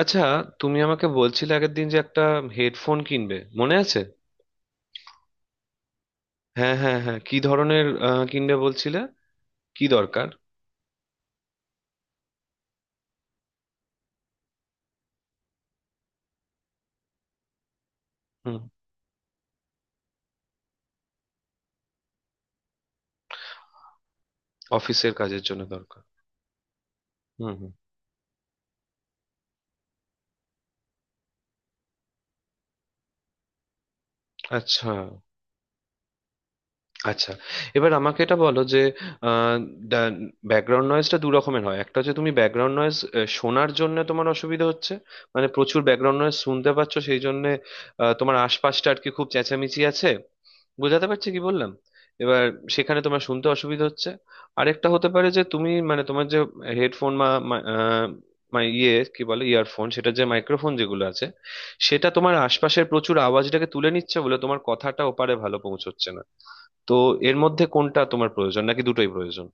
আচ্ছা। তুমি আমাকে বলছিলে আগের দিন যে একটা হেডফোন কিনবে, মনে আছে? হ্যাঁ হ্যাঁ হ্যাঁ, কি ধরনের কিনবে বলছিলে? কি দরকার? হুম। অফিসের কাজের জন্য দরকার। হুম হুম। আচ্ছা আচ্ছা। এবার আমাকে এটা বলো যে ব্যাকগ্রাউন্ড নয়েজটা দু রকমের হয়। একটা হচ্ছে তুমি ব্যাকগ্রাউন্ড নয়েজ শোনার জন্য তোমার অসুবিধা হচ্ছে, মানে প্রচুর ব্যাকগ্রাউন্ড নয়েজ শুনতে পাচ্ছ, সেই জন্য তোমার আশপাশটা আর কি খুব চেঁচামেচি আছে। বোঝাতে পারছি কি বললাম? এবার সেখানে তোমার শুনতে অসুবিধা হচ্ছে। আরেকটা হতে পারে যে তুমি মানে তোমার যে হেডফোন বা মানে ইয়ে কি বলে ইয়ারফোন, সেটা যে মাইক্রোফোন যেগুলো আছে সেটা তোমার আশপাশের প্রচুর আওয়াজটাকে তুলে নিচ্ছে বলে তোমার কথাটা ওপারে ভালো পৌঁছচ্ছে না। তো এর মধ্যে কোনটা তোমার প্রয়োজন নাকি দুটোই প্রয়োজন?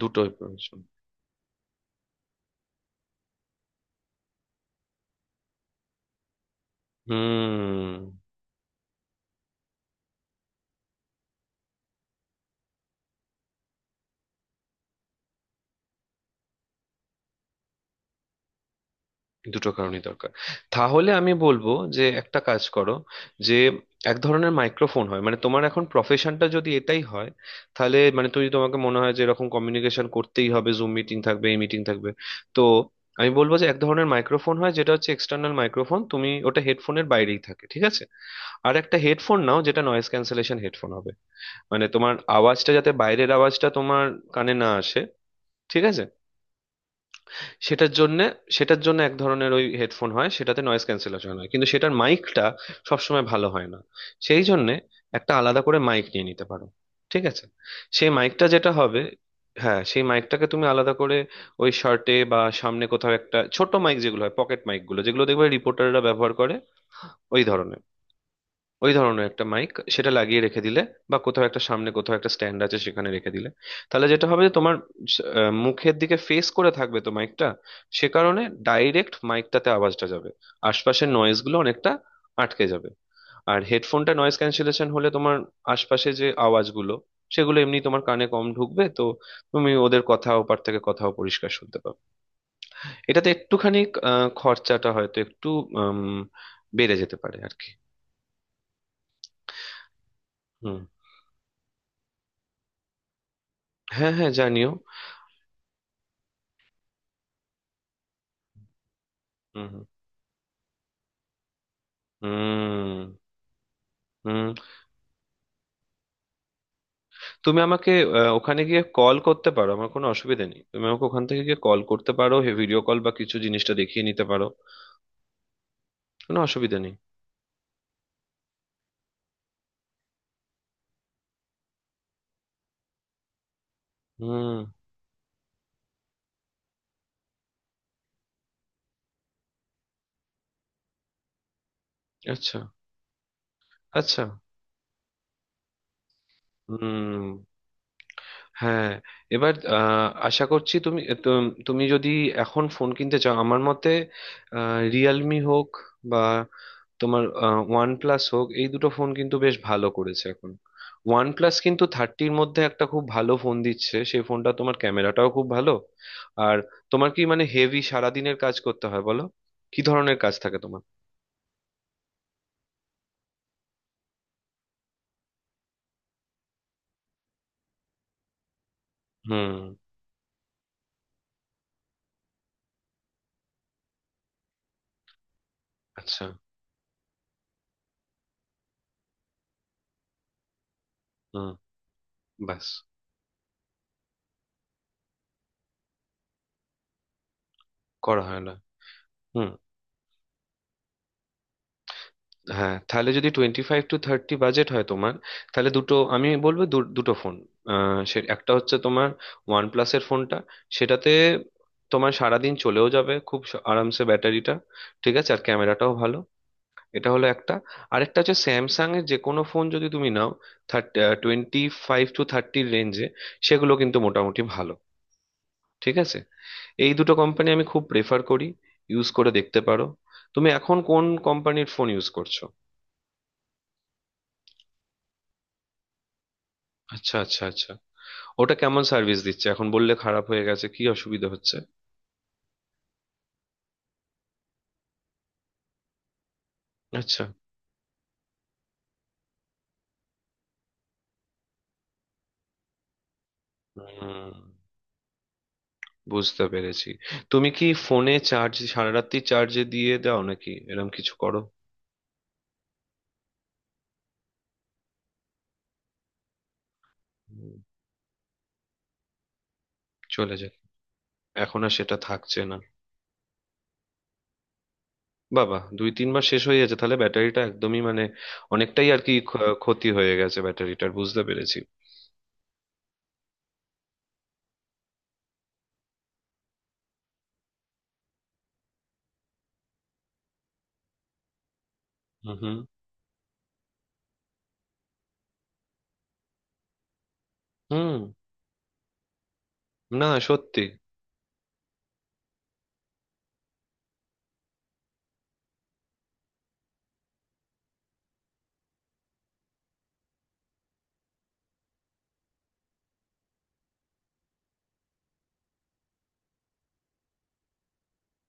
দুটোই প্রয়োজন। হুম। দুটো কারণই দরকার। তাহলে আমি বলবো যে একটা কাজ করো, যে এক ধরনের মাইক্রোফোন হয়, মানে তোমার এখন প্রফেশনটা যদি এটাই হয় তাহলে মানে তুমি তোমাকে মনে হয় যে এরকম কমিউনিকেশন করতেই হবে, জুম মিটিং থাকবে, এই মিটিং থাকবে। তো আমি বলবো যে এক ধরনের মাইক্রোফোন হয় যেটা হচ্ছে এক্সটার্নাল মাইক্রোফোন, তুমি ওটা হেডফোনের বাইরেই থাকে, ঠিক আছে? আর একটা হেডফোন নাও যেটা নয়েজ ক্যান্সেলেশন হেডফোন, মানে তোমার আওয়াজটা যাতে বাইরের আওয়াজটা তোমার কানে না আসে, ঠিক আছে? সেটার জন্য, সেটার জন্য এক ধরনের ওই হেডফোন হয়, সেটাতে নয়েজ ক্যান্সেলেশন হয় কিন্তু সেটার মাইকটা সবসময় ভালো হয় না, সেই জন্য একটা আলাদা করে মাইক নিয়ে নিতে পারো। ঠিক আছে। সেই মাইকটা যেটা হবে, হ্যাঁ সেই মাইকটাকে তুমি আলাদা করে ওই শার্টে বা সামনে কোথাও একটা ছোট মাইক, যেগুলো হয় পকেট মাইকগুলো যেগুলো দেখবে রিপোর্টাররা ব্যবহার করে, ওই ধরনের, ওই ধরনের একটা মাইক সেটা লাগিয়ে রেখে দিলে বা কোথাও একটা সামনে কোথাও একটা স্ট্যান্ড আছে সেখানে রেখে দিলে, তাহলে যেটা হবে যে তোমার মুখের দিকে ফেস করে থাকবে তো মাইকটা। সে কারণে ডাইরেক্ট মাইকটাতে আওয়াজটা যাবে, আশপাশের নয়েজ গুলো অনেকটা আটকে যাবে। আর হেডফোনটা নয়েজ ক্যান্সেলেশন হলে তোমার আশপাশে যে আওয়াজগুলো, সেগুলো এমনি তোমার কানে কম ঢুকবে তো, তুমি ওদের কথা ওপার থেকে কথাও পরিষ্কার শুনতে পাবে। এটাতে একটুখানি খরচাটা হয়তো একটু উম, বেড়ে যেতে পারে আর কি। হুম। হ্যাঁ হ্যাঁ, জানিও। হুম হুম হুম। তুমি আমাকে ওখানে গিয়ে কল করতে পারো, আমার কোনো অসুবিধা নেই, তুমি আমাকে ওখান থেকে গিয়ে কল করতে পারো, ভিডিও কল বা কিছু জিনিসটা দেখিয়ে নিতে পারো, কোনো অসুবিধা নেই। হুম। আচ্ছা আচ্ছা। হুম। হ্যাঁ। এবার আশা করছি তুমি তুমি যদি এখন ফোন কিনতে চাও, আমার মতে রিয়েলমি হোক বা তোমার ওয়ান প্লাস হোক, এই দুটো ফোন কিন্তু বেশ ভালো করেছে এখন। ওয়ান প্লাস কিন্তু থার্টির মধ্যে একটা খুব ভালো ফোন দিচ্ছে, সেই ফোনটা তোমার ক্যামেরাটাও খুব ভালো। আর তোমার কি মানে হেভি সারাদিনের কাজ করতে হয় বলো, কি ধরনের কাজ থাকে তোমার? হুম। আচ্ছা। হুম। ব্যাস। করা হয় না। হুম। হ্যাঁ, তাহলে যদি 25-30 বাজেট হয় তোমার, তাহলে দুটো আমি বলবো দুটো ফোন। সে একটা হচ্ছে তোমার ওয়ান প্লাসের ফোনটা, সেটাতে তোমার সারাদিন চলেও যাবে খুব আরামসে ব্যাটারিটা, ঠিক আছে, আর ক্যামেরাটাও ভালো। এটা হলো একটা। আরেকটা হচ্ছে স্যামসাং এর যে কোনো ফোন যদি তুমি নাও, থার্টি, 25-30-এর রেঞ্জে, সেগুলো কিন্তু মোটামুটি ভালো, ঠিক আছে। এই দুটো কোম্পানি আমি খুব প্রেফার করি, ইউজ করে দেখতে পারো। তুমি এখন কোন কোম্পানির ফোন ইউজ করছো? আচ্ছা আচ্ছা আচ্ছা। ওটা কেমন সার্ভিস দিচ্ছে এখন, বললে খারাপ হয়ে গেছে, কি অসুবিধা হচ্ছে? আচ্ছা। হুম। বুঝতে পেরেছি। তুমি কি ফোনে চার্জ সারা রাত্রি চার্জে দিয়ে দাও নাকি এরকম কিছু করো? হুম, চলে যায়। এখন আর সেটা থাকছে না। বাবা, দুই তিন মাস শেষ হয়ে গেছে তাহলে, ব্যাটারিটা একদমই মানে অনেকটাই আর কি ক্ষতি হয়ে গেছে ব্যাটারিটার, বুঝতে পেরেছি। হুম হুম হুম। না সত্যি।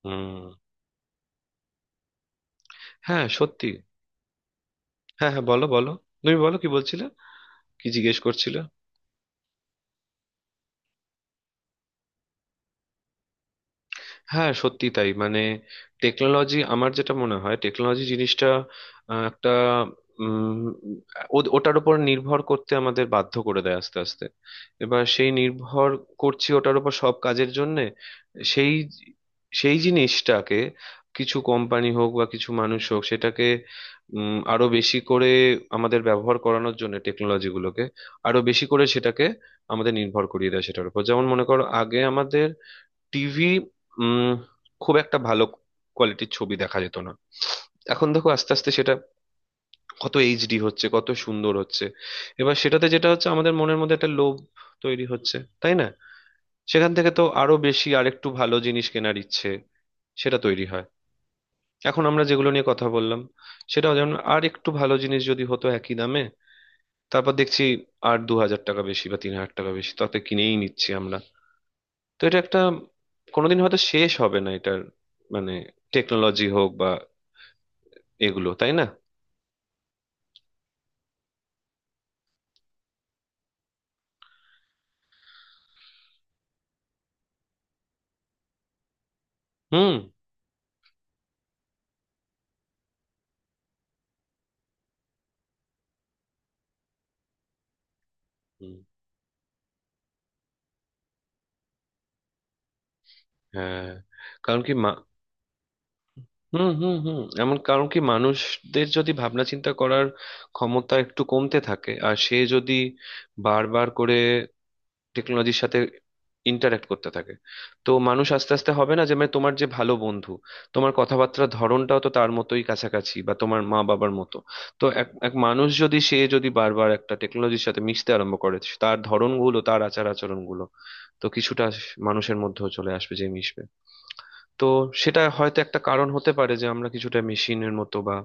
হুম। হ্যাঁ সত্যি। হ্যাঁ হ্যাঁ, বলো বলো। তুমি বলো কি বলছিলে, কি জিজ্ঞেস করছিলে? হ্যাঁ সত্যি তাই, মানে টেকনোলজি, আমার যেটা মনে হয় টেকনোলজি জিনিসটা একটা উম, ওটার উপর নির্ভর করতে আমাদের বাধ্য করে দেয় আস্তে আস্তে। এবার সেই নির্ভর করছি ওটার উপর সব কাজের জন্যে, সেই সেই জিনিসটাকে কিছু কোম্পানি হোক বা কিছু মানুষ হোক সেটাকে আরো বেশি করে আমাদের ব্যবহার করানোর জন্য টেকনোলজি গুলোকে আরো বেশি করে সেটাকে আমাদের নির্ভর করিয়ে দেয় সেটার উপর। যেমন মনে করো আগে আমাদের টিভি উম খুব একটা ভালো কোয়ালিটির ছবি দেখা যেত না, এখন দেখো আস্তে আস্তে সেটা কত এইচডি হচ্ছে, কত সুন্দর হচ্ছে। এবার সেটাতে যেটা হচ্ছে আমাদের মনের মধ্যে একটা লোভ তৈরি হচ্ছে, তাই না? সেখান থেকে তো আরো বেশি আরেকটু ভালো জিনিস কেনার ইচ্ছে সেটা তৈরি হয়। এখন আমরা যেগুলো নিয়ে কথা বললাম, সেটাও যেমন আর একটু ভালো জিনিস যদি হতো একই দামে, তারপর দেখছি আর 2,000 টাকা বেশি বা 3,000 টাকা বেশি, তাতে কিনেই নিচ্ছি আমরা। তো এটা একটা, কোনোদিন হয়তো শেষ হবে না এটার, মানে টেকনোলজি হোক বা এগুলো, তাই না? হুম। হুম, হ্যাঁ। কারণ কি মা। হুম হুম হুম, এমন। কারণ কি, মানুষদের যদি ভাবনা চিন্তা করার ক্ষমতা একটু কমতে থাকে আর সে যদি বারবার করে টেকনোলজির সাথে ইন্টারাক্ট করতে থাকে, তো মানুষ আস্তে আস্তে হবে না যে, মানে তোমার যে ভালো বন্ধু, তোমার কথাবার্তার ধরনটাও তো তার মতোই কাছাকাছি বা তোমার মা বাবার মতো। তো এক এক মানুষ যদি সে যদি বারবার একটা টেকনোলজির সাথে মিশতে আরম্ভ করে, তার ধরনগুলো তার আচার আচরণগুলো তো কিছুটা মানুষের মধ্যেও চলে আসবে যে মিশবে। তো সেটা হয়তো একটা কারণ হতে পারে যে আমরা কিছুটা মেশিনের মতো বা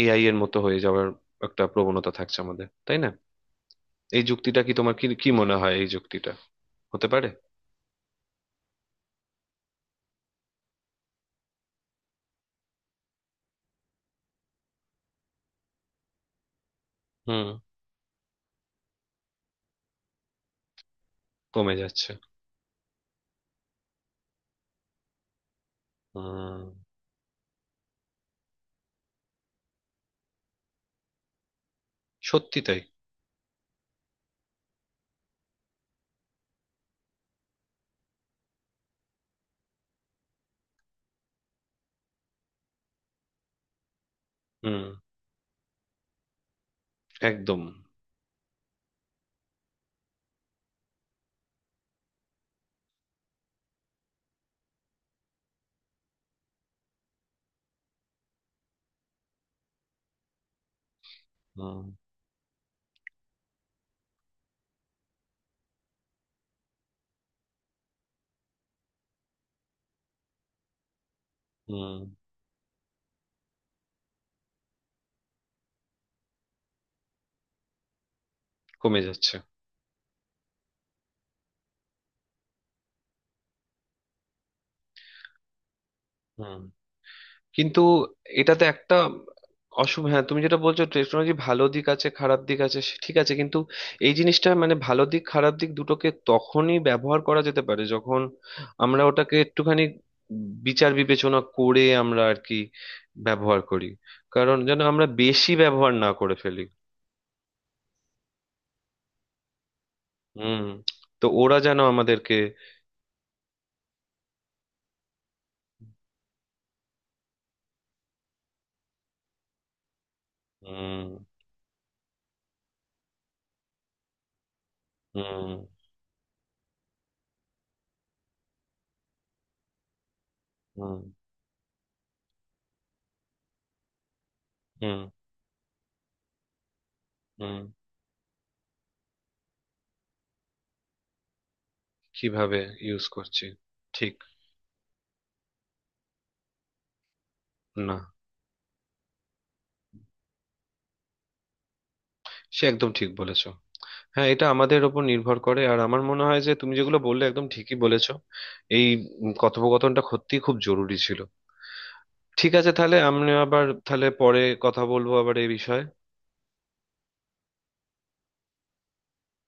এআই এর মতো হয়ে যাওয়ার একটা প্রবণতা থাকছে আমাদের, তাই না? এই যুক্তিটা, কি তোমার কি কি মনে হয় এই যুক্তিটা হতে পারে? হুম। কমে যাচ্ছে। হুম, সত্যি তাই। হুম। একদম। হুম হুম। কমে যাচ্ছে। হুম। কিন্তু এটাতে একটা অসুবিধা, হ্যাঁ তুমি যেটা বলছো টেকনোলজি ভালো দিক আছে খারাপ দিক আছে, সে ঠিক আছে, কিন্তু এই জিনিসটা মানে ভালো দিক খারাপ দিক দুটোকে তখনই ব্যবহার করা যেতে পারে যখন আমরা ওটাকে একটুখানি বিচার বিবেচনা করে আমরা আর কি ব্যবহার করি। কারণ যেন আমরা বেশি ব্যবহার না করে ফেলি। হুম। তো ওরা যেন আমাদেরকে, হুম হুম হুম হুম হুম, কিভাবে ইউজ করছি, ঠিক। না, সে একদম ঠিক বলেছো। হ্যাঁ, এটা আমাদের ওপর নির্ভর করে, আর আমার মনে হয় যে তুমি যেগুলো বললে একদম ঠিকই বলেছো। এই কথোপকথনটা সত্যি খুব জরুরি ছিল। ঠিক আছে, তাহলে আমরা আবার তাহলে পরে কথা বলবো আবার এই বিষয়ে।